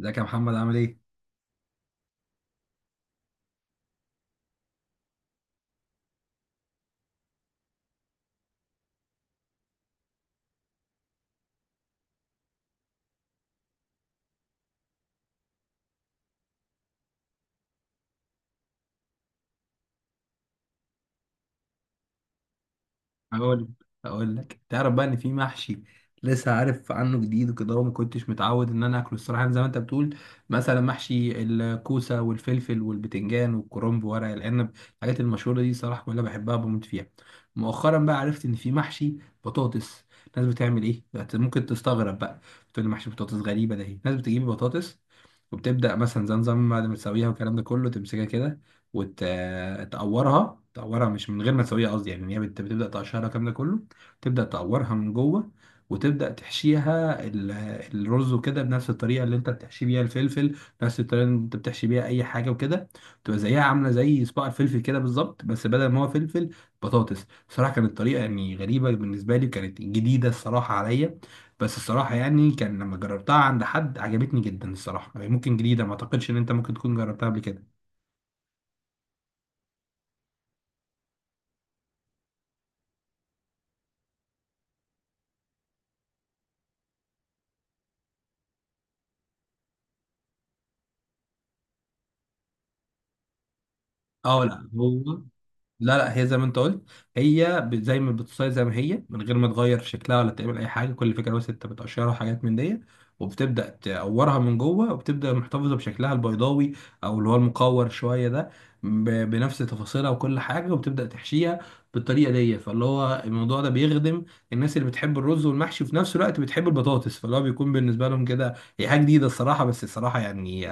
ازيك يا محمد عامل ايه؟ هقول هقول لك. تعرف بقى ان في محشي لسه عارف عنه جديد وكده، وما كنتش متعود ان انا اكله الصراحه، يعني زي ما انت بتقول مثلا محشي الكوسه والفلفل والبتنجان والكرنب وورق العنب. الحاجات المشهوره دي صراحه كلها بحبها وبموت فيها. مؤخرا بقى عرفت ان في محشي بطاطس. الناس بتعمل ايه، ممكن تستغرب بقى. بتقول لي محشي بطاطس، غريبه ده، ايه الناس بتجيب بطاطس وبتبدا مثلا زي نظام بعد ما تسويها والكلام ده كله، تمسكها كده وتقورها تقورها، مش من غير ما تسويها قصدي، يعني إن هي بتبدا تقشرها الكلام ده كله، تبدا تقورها من جوه وتبدا تحشيها الرز وكده بنفس الطريقه اللي انت بتحشي بيها الفلفل، نفس الطريقه اللي انت بتحشي بيها اي حاجه وكده، تبقى زيها عامله زي صباع الفلفل كده بالظبط، بس بدل ما هو فلفل بطاطس. صراحه كانت الطريقه يعني غريبه بالنسبه لي وكانت جديده الصراحه عليا، بس الصراحه يعني كان لما جربتها عند حد عجبتني جدا الصراحه، يعني ممكن جديده. ما اعتقدش ان انت ممكن تكون جربتها قبل كده. اه، لا هو، لا لا، هي زي ما انت قلت. هي زي ما بتصير، زي ما هي من غير ما تغير شكلها ولا تعمل اي حاجه، كل فكره بس انت بتقشرها وحاجات من دي، وبتبدا تقورها من جوه وبتبدا محتفظه بشكلها البيضاوي او اللي هو المقور شويه ده، بنفس تفاصيلها وكل حاجه، وبتبدا تحشيها بالطريقه دي. فاللي هو الموضوع ده بيخدم الناس اللي بتحب الرز والمحشي وفي نفس الوقت بتحب البطاطس، فاللي هو بيكون بالنسبه لهم كده. هي حاجه جديده الصراحه، بس الصراحه يعني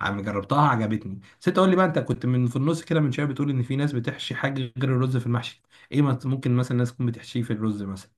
عم جربتها عجبتني. بس انت قول لي بقى، انت كنت من في النص كده من شويه بتقول ان في ناس بتحشي حاجه غير الرز في المحشي. ايه، ممكن مثلا ناس تكون بتحشيه في الرز مثلا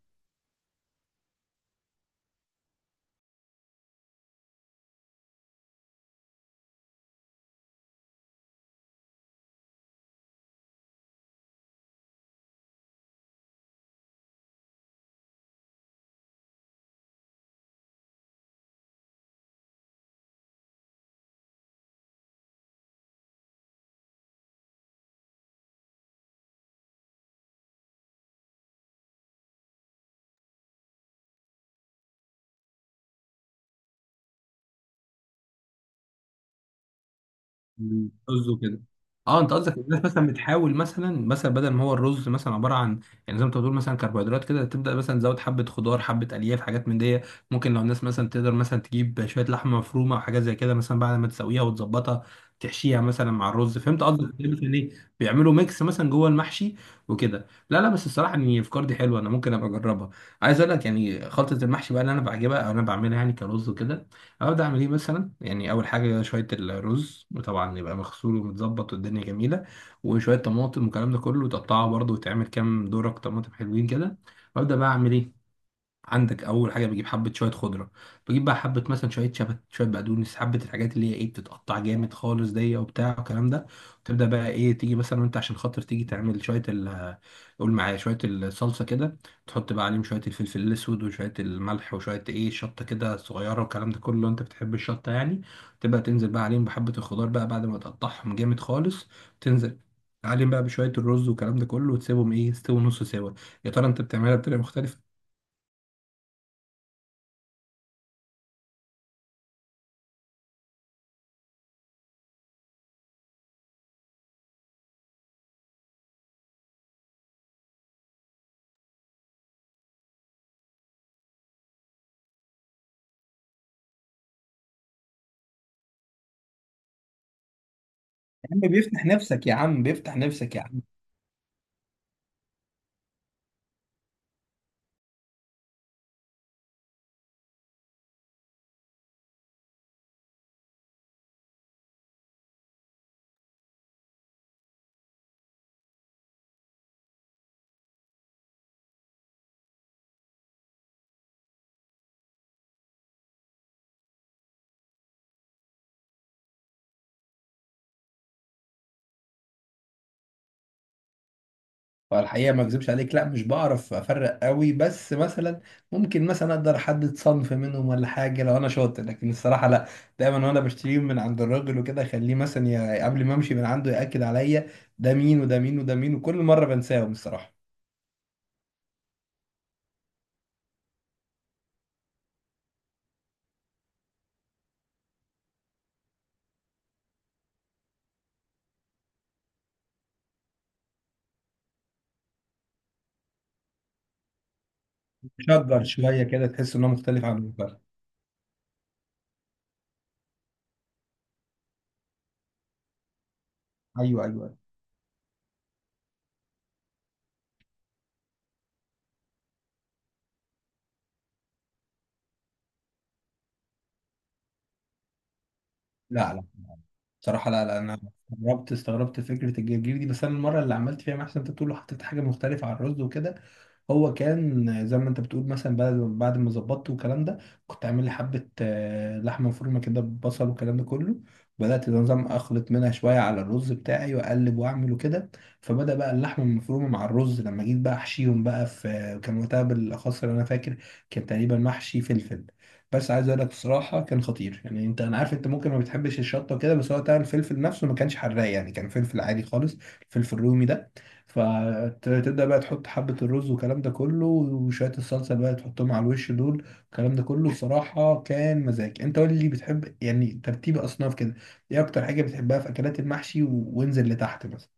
رز وكده. اه، انت قصدك الناس مثلا بتحاول مثلا، بدل ما هو الرز مثلا عباره عن، يعني زي ما انت بتقول مثلا كربوهيدرات كده، تبدا مثلا تزود حبه خضار حبه الياف حاجات من دي. ممكن لو الناس مثلا تقدر مثلا تجيب شويه لحمه مفرومه او حاجات زي كده، مثلا بعد ما تسويها وتظبطها تحشيها مثلا مع الرز. فهمت قصدك، ده مثلا ايه بيعملوا ميكس مثلا جوه المحشي وكده. لا لا، بس الصراحه ان الافكار دي حلوه، انا ممكن ابقى اجربها. عايز اقول لك يعني خلطه المحشي بقى اللي انا بعجبها او انا بعملها، يعني كرز وكده. أبدأ أعمل إيه مثلا؟ يعني أول حاجة شوية الرز، وطبعا يبقى مغسول ومتظبط والدنيا جميلة، وشوية طماطم والكلام ده كله، وتقطعه برضه وتعمل كام دورك طماطم حلوين كده. وأبدأ بقى أعمل إيه؟ عندك اول حاجه بجيب حبه شويه خضره. بجيب بقى حبه مثلا شويه شبت شويه بقدونس، حبه الحاجات اللي هي ايه بتتقطع جامد خالص دي وبتاع والكلام ده. تبدا بقى ايه، تيجي مثلا انت عشان خاطر تيجي تعمل شويه ال، قول معايا شويه الصلصه كده. تحط بقى عليهم شويه الفلفل الاسود وشويه الملح وشويه ايه شطه كده صغيره والكلام ده كله، لو انت بتحب الشطه يعني. تبدا تنزل بقى عليهم بحبه الخضار بقى بعد ما تقطعهم جامد خالص، تنزل عليهم بقى بشويه الرز والكلام ده كله، وتسيبهم ايه يستووا نص سوا. يا ترى انت بتعملها بطريقه مختلفه؟ عم بيفتح نفسك يا عم، بيفتح نفسك يا عم. فالحقيقة ما اكذبش عليك، لا مش بعرف افرق قوي، بس مثلا ممكن مثلا اقدر احدد صنف منهم ولا حاجة لو انا شاطر، لكن الصراحة لا. دايما وانا بشتريهم من عند الراجل وكده اخليه مثلا، قبل ما امشي من عنده يأكد عليا ده مين وده مين وده مين، وكل مرة بنساهم الصراحة. شجر شوية كده تحس انه مختلف عن المختلف. ايوه ايوه. لا لا، بصراحة لا، لا أنا استغربت استغربت فكرة الجرجير دي. بس أنا المرة اللي عملت فيها محسن أنت بتقول له حطيت حاجة مختلفة على الرز وكده، هو كان زي ما أنت بتقول مثلا، بعد ما ظبطت والكلام ده، كنت عامل لي حبة لحمة مفرومة كده ببصل والكلام ده كله. بدأت النظام أخلط منها شوية على الرز بتاعي وأقلب وأعمل وكده، فبدأ بقى اللحمة المفرومة مع الرز. لما جيت بقى أحشيهم بقى، في كان وقتها بالأخص اللي أنا فاكر كان تقريبا محشي فلفل. بس عايز اقول لك بصراحه كان خطير، يعني انت، انا عارف انت ممكن ما بتحبش الشطه وكده، بس هو بتاع الفلفل نفسه ما كانش حراق، يعني كان فلفل عادي خالص، الفلفل الرومي ده. فتبدا بقى تحط حبه الرز والكلام ده كله وشويه الصلصه بقى تحطهم على الوش دول الكلام ده كله، بصراحه كان مزاج. انت قول لي بتحب يعني ترتيب اصناف كده، ايه اكتر حاجه بتحبها في اكلات المحشي، وانزل لتحت مثلا؟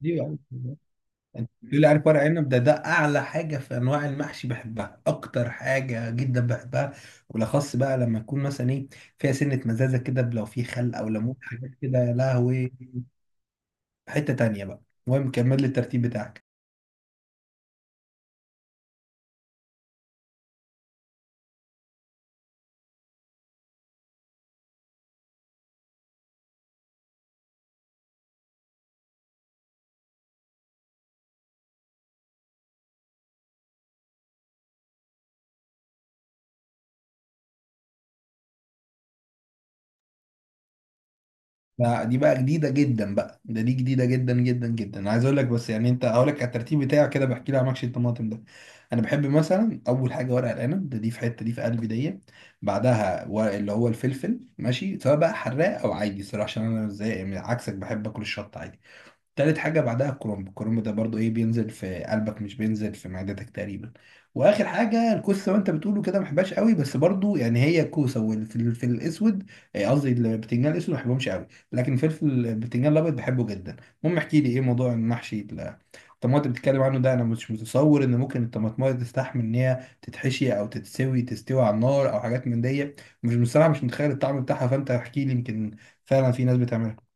دي بقى، انت بتقولي عارف ورق عنب ده، اعلى حاجه في انواع المحشي بحبها، اكتر حاجه جدا بحبها. وبالاخص بقى لما يكون مثلا ايه فيها سنه مزازه كده، لو في خل او ليمون حاجات كده، يا لهوي. حته تانية بقى. المهم كمل لي الترتيب بتاعك. لا، دي بقى جديدة جدا بقى، دي جديدة جدا جدا جدا. انا عايز اقول لك بس يعني، انت هقول لك على الترتيب بتاعي كده، بحكي لك على محشي الطماطم ده. انا بحب مثلا اول حاجة ورق العنب ده، دي في حتة دي في قلبي دي. بعدها ورق اللي هو الفلفل، ماشي سواء بقى حراق او عادي صراحة، عشان انا زي يعني عكسك بحب اكل الشطة عادي. تالت حاجة بعدها الكرنب، الكرنب ده برضو ايه بينزل في قلبك مش بينزل في معدتك تقريبا. واخر حاجة الكوسة، وانت بتقوله كده ما بحبهاش قوي، بس برضو يعني هي كوسة، والفلفل في الاسود، قصدي البتنجان الاسود ما بحبهمش قوي، لكن الفلفل البتنجان الابيض بحبه جدا. المهم احكي لي ايه موضوع المحشي الطماطم اللي بتتكلم عنه ده. انا مش متصور ان ممكن الطماطمايه تستحمل ان هي تتحشي او تتسوي تستوي على النار او حاجات من دي. مش بصراحة مش متخيل الطعم بتاعها، فانت احكي لي يمكن فعلا في ناس بتعملها.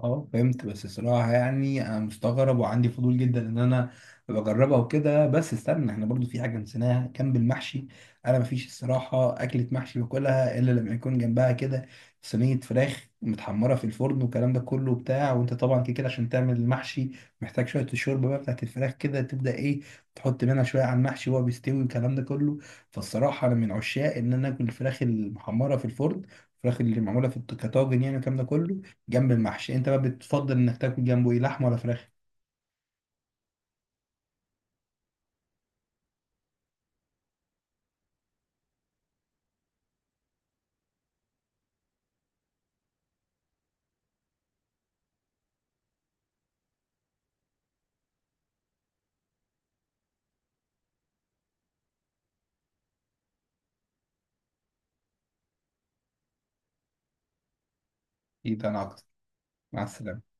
اه فهمت. بس الصراحة يعني انا مستغرب وعندي فضول جدا ان انا بجربها وكده. بس استنى، احنا برضو في حاجة نسيناها جنب المحشي. انا مفيش الصراحة اكلة محشي باكلها الا لما يكون جنبها كده صينية فراخ متحمرة في الفرن والكلام ده كله وبتاع. وانت طبعا كده كده عشان تعمل المحشي محتاج شوية الشوربة بقى بتاعت الفراخ كده، تبدأ ايه تحط منها شوية على المحشي وهو بيستوي والكلام ده كله. فالصراحة انا من عشاق ان انا اكل الفراخ المحمرة في الفرن، الفراخ اللي معمولة في كطاجن يعني والكلام ده كله، جنب المحشي. انت بقى بتفضل انك تاكل جنبه ايه، لحمه ولا فراخ؟ ايه ده، انا عطس. مع السلامه.